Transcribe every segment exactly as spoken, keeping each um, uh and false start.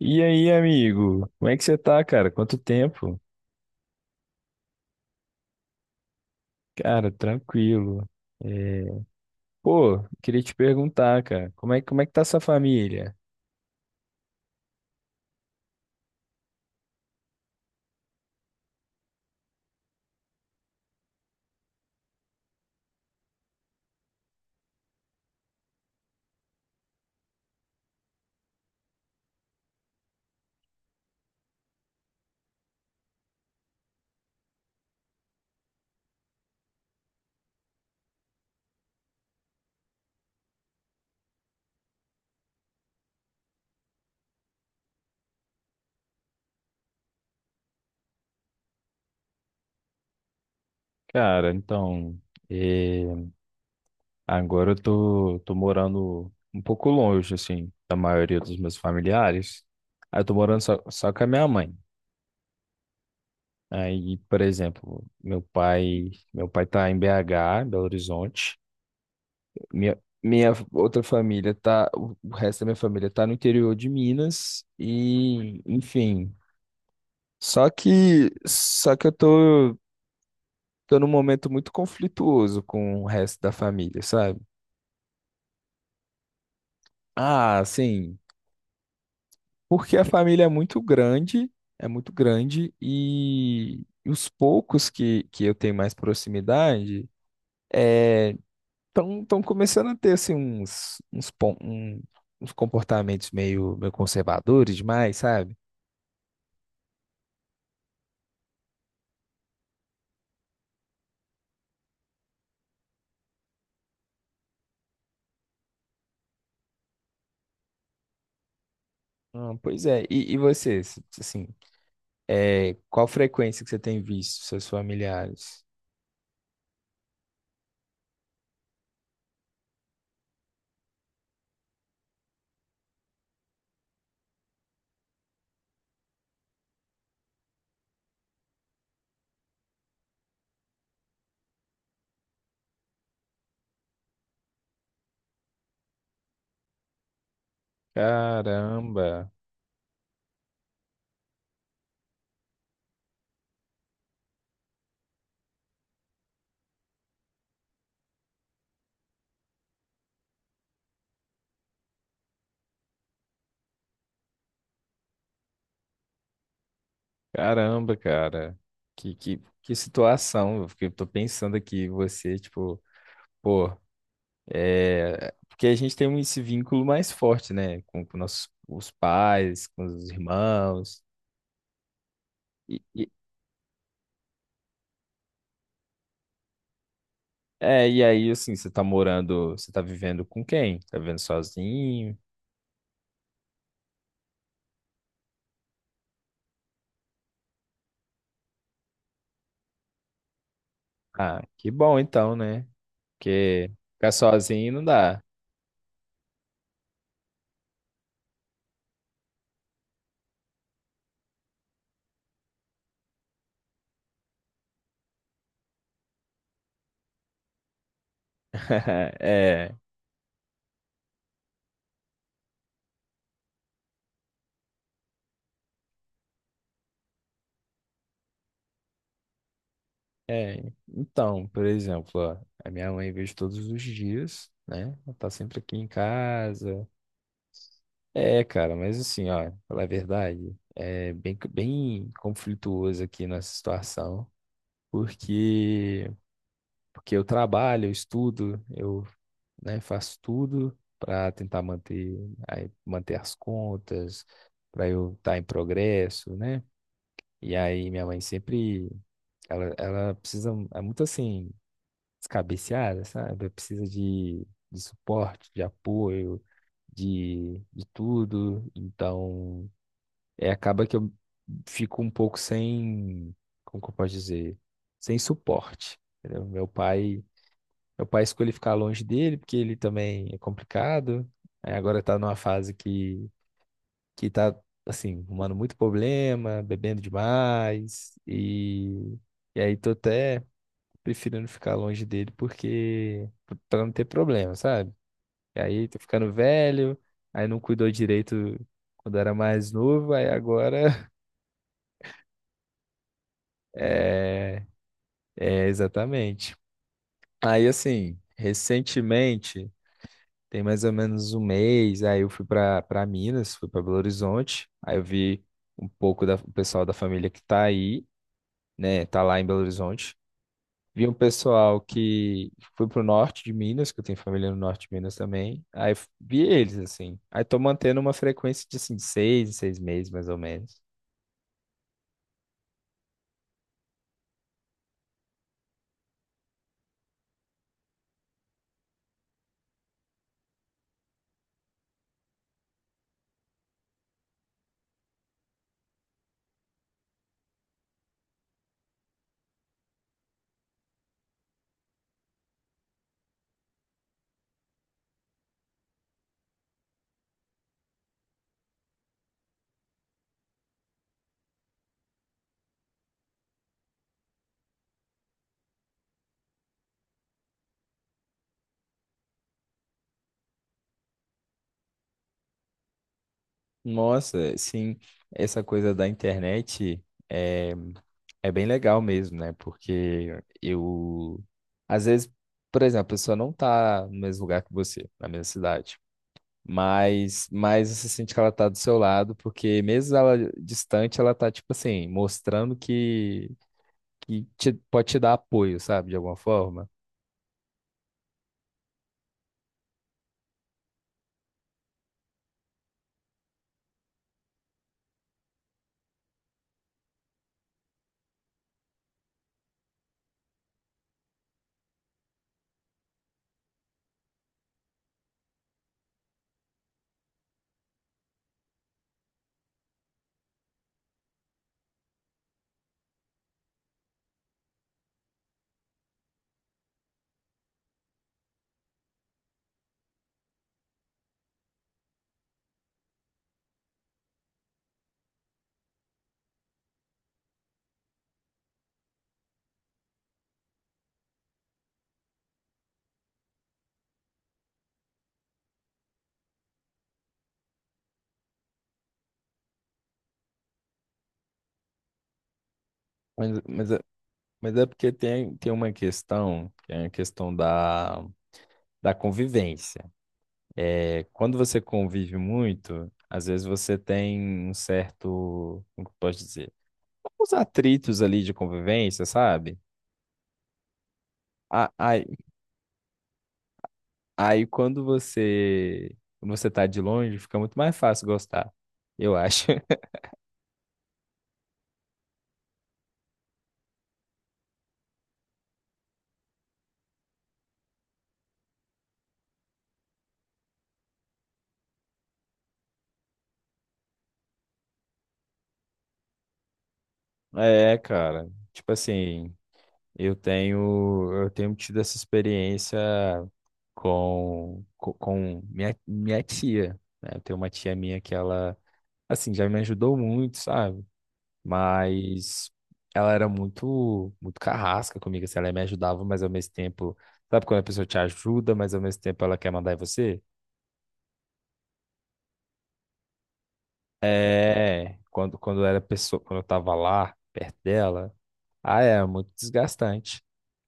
E aí, amigo? Como é que você tá, cara? Quanto tempo? Cara, tranquilo. É, Pô, queria te perguntar, cara, como é, como é que tá sua família? Cara, então, é, agora eu tô, tô morando um pouco longe, assim, da maioria dos meus familiares. Aí eu tô morando só, só com a minha mãe. Aí, por exemplo, meu pai, meu pai tá em B H, Belo Horizonte. Minha, minha outra família tá, o o resto da minha família tá no interior de Minas e, enfim. Só que, só que eu tô, tô num momento muito conflituoso com o resto da família, sabe? Ah, sim, porque a família é muito grande, é muito grande e os poucos que, que eu tenho mais proximidade é, tão, tão começando a ter assim uns, uns, pon- um- uns comportamentos meio, meio conservadores demais, sabe? Ah, pois é. E, e você, s- assim, é, qual frequência que você tem visto seus familiares? Caramba, caramba, cara. Que, que, que situação, porque eu tô pensando aqui, você, tipo, pô, é, porque a gente tem esse vínculo mais forte, né, com, com nossos os pais, com os irmãos, e, e- é, e aí, assim, você tá morando, você tá vivendo com quem? Tá vivendo sozinho? Ah, que bom então, né, porque... Ficar sozinho não dá. É, é. Então, por exemplo, ó, a minha mãe vejo todos os dias, né? Ela tá sempre aqui em casa. É, cara, mas assim, ó, falar a verdade, é bem, bem conflituoso aqui nessa situação, porque porque eu trabalho, eu estudo, eu, né, faço tudo para tentar manter, aí, manter as contas, para eu estar em progresso, né? E aí minha mãe sempre, ela, ela precisa, é muito assim descabeceada, sabe? Precisa de, de suporte, de apoio, de, de tudo. Então, é, acaba que eu fico um pouco sem, como que eu posso dizer? Sem suporte, entendeu? Meu pai, meu pai escolheu ficar longe dele, porque ele também é complicado. Aí agora tá numa fase que, que tá, assim, arrumando muito problema, bebendo demais e... E aí tô até preferindo ficar longe dele porque para não ter problema, sabe? E aí tô ficando velho, aí não cuidou direito quando era mais novo, aí agora é, é exatamente. Aí assim, recentemente, tem mais ou menos um mês, aí eu fui para para Minas, fui para Belo Horizonte, aí eu vi um pouco da- do pessoal da família que tá aí, né? Tá lá em Belo Horizonte. Vi um pessoal que foi pro norte de Minas, que eu tenho família no norte de Minas também. Aí f- vi eles, assim. Aí tô mantendo uma frequência de, assim, seis em seis meses, mais ou menos. Nossa, sim, essa coisa da internet é, é bem legal mesmo, né? Porque eu, às vezes, por exemplo, a pessoa não tá no mesmo lugar que você, na mesma cidade. Mas, mas você sente que ela tá do seu lado, porque mesmo ela distante, ela tá, tipo assim, mostrando que que te- pode te dar apoio, sabe, de alguma forma. Mas, mas, é- mas é porque tem, tem uma questão, que é a questão da, da convivência. É, quando você convive muito, às vezes você tem um certo, como que eu posso dizer, uns atritos ali de convivência, sabe? A- Aí, aí quando você, quando você tá de longe, fica muito mais fácil gostar, eu acho. É, cara. Tipo assim. Eu tenho, eu tenho tido essa experiência com, co- com, minha, minha tia, né? Eu tenho uma tia minha que ela, assim, já me ajudou muito, sabe? Mas ela era muito, muito carrasca comigo, assim, ela me ajudava, mas ao mesmo tempo, sabe quando a pessoa te ajuda, mas ao mesmo tempo ela quer mandar em você? É, quando, quando era pessoa, quando eu tava lá, perto dela, ah, é muito desgastante.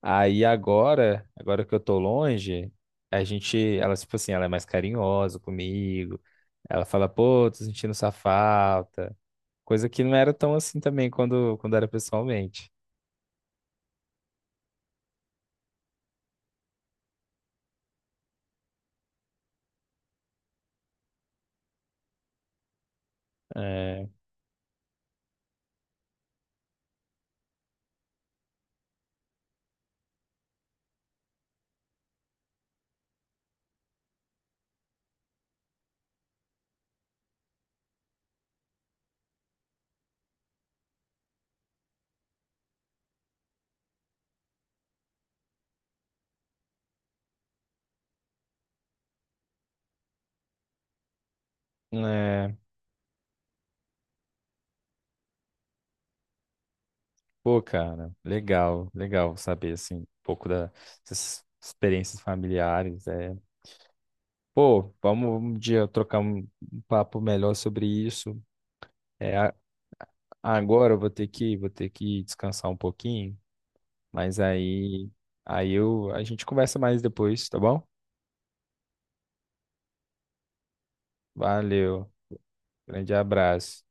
Aí agora, agora que eu tô longe, a gente, ela, tipo assim, ela é mais carinhosa comigo. Ela fala, pô, tô sentindo sua falta. Coisa que não era tão assim também quando, quando era pessoalmente. É, é, pô, cara, legal, legal saber, assim, um pouco da- dessas experiências familiares. É. Pô, vamos um dia trocar um, um papo melhor sobre isso. É, a- agora eu vou ter que, vou ter que descansar um pouquinho. Mas aí, aí eu, a gente conversa mais depois, tá bom? Valeu. Grande abraço.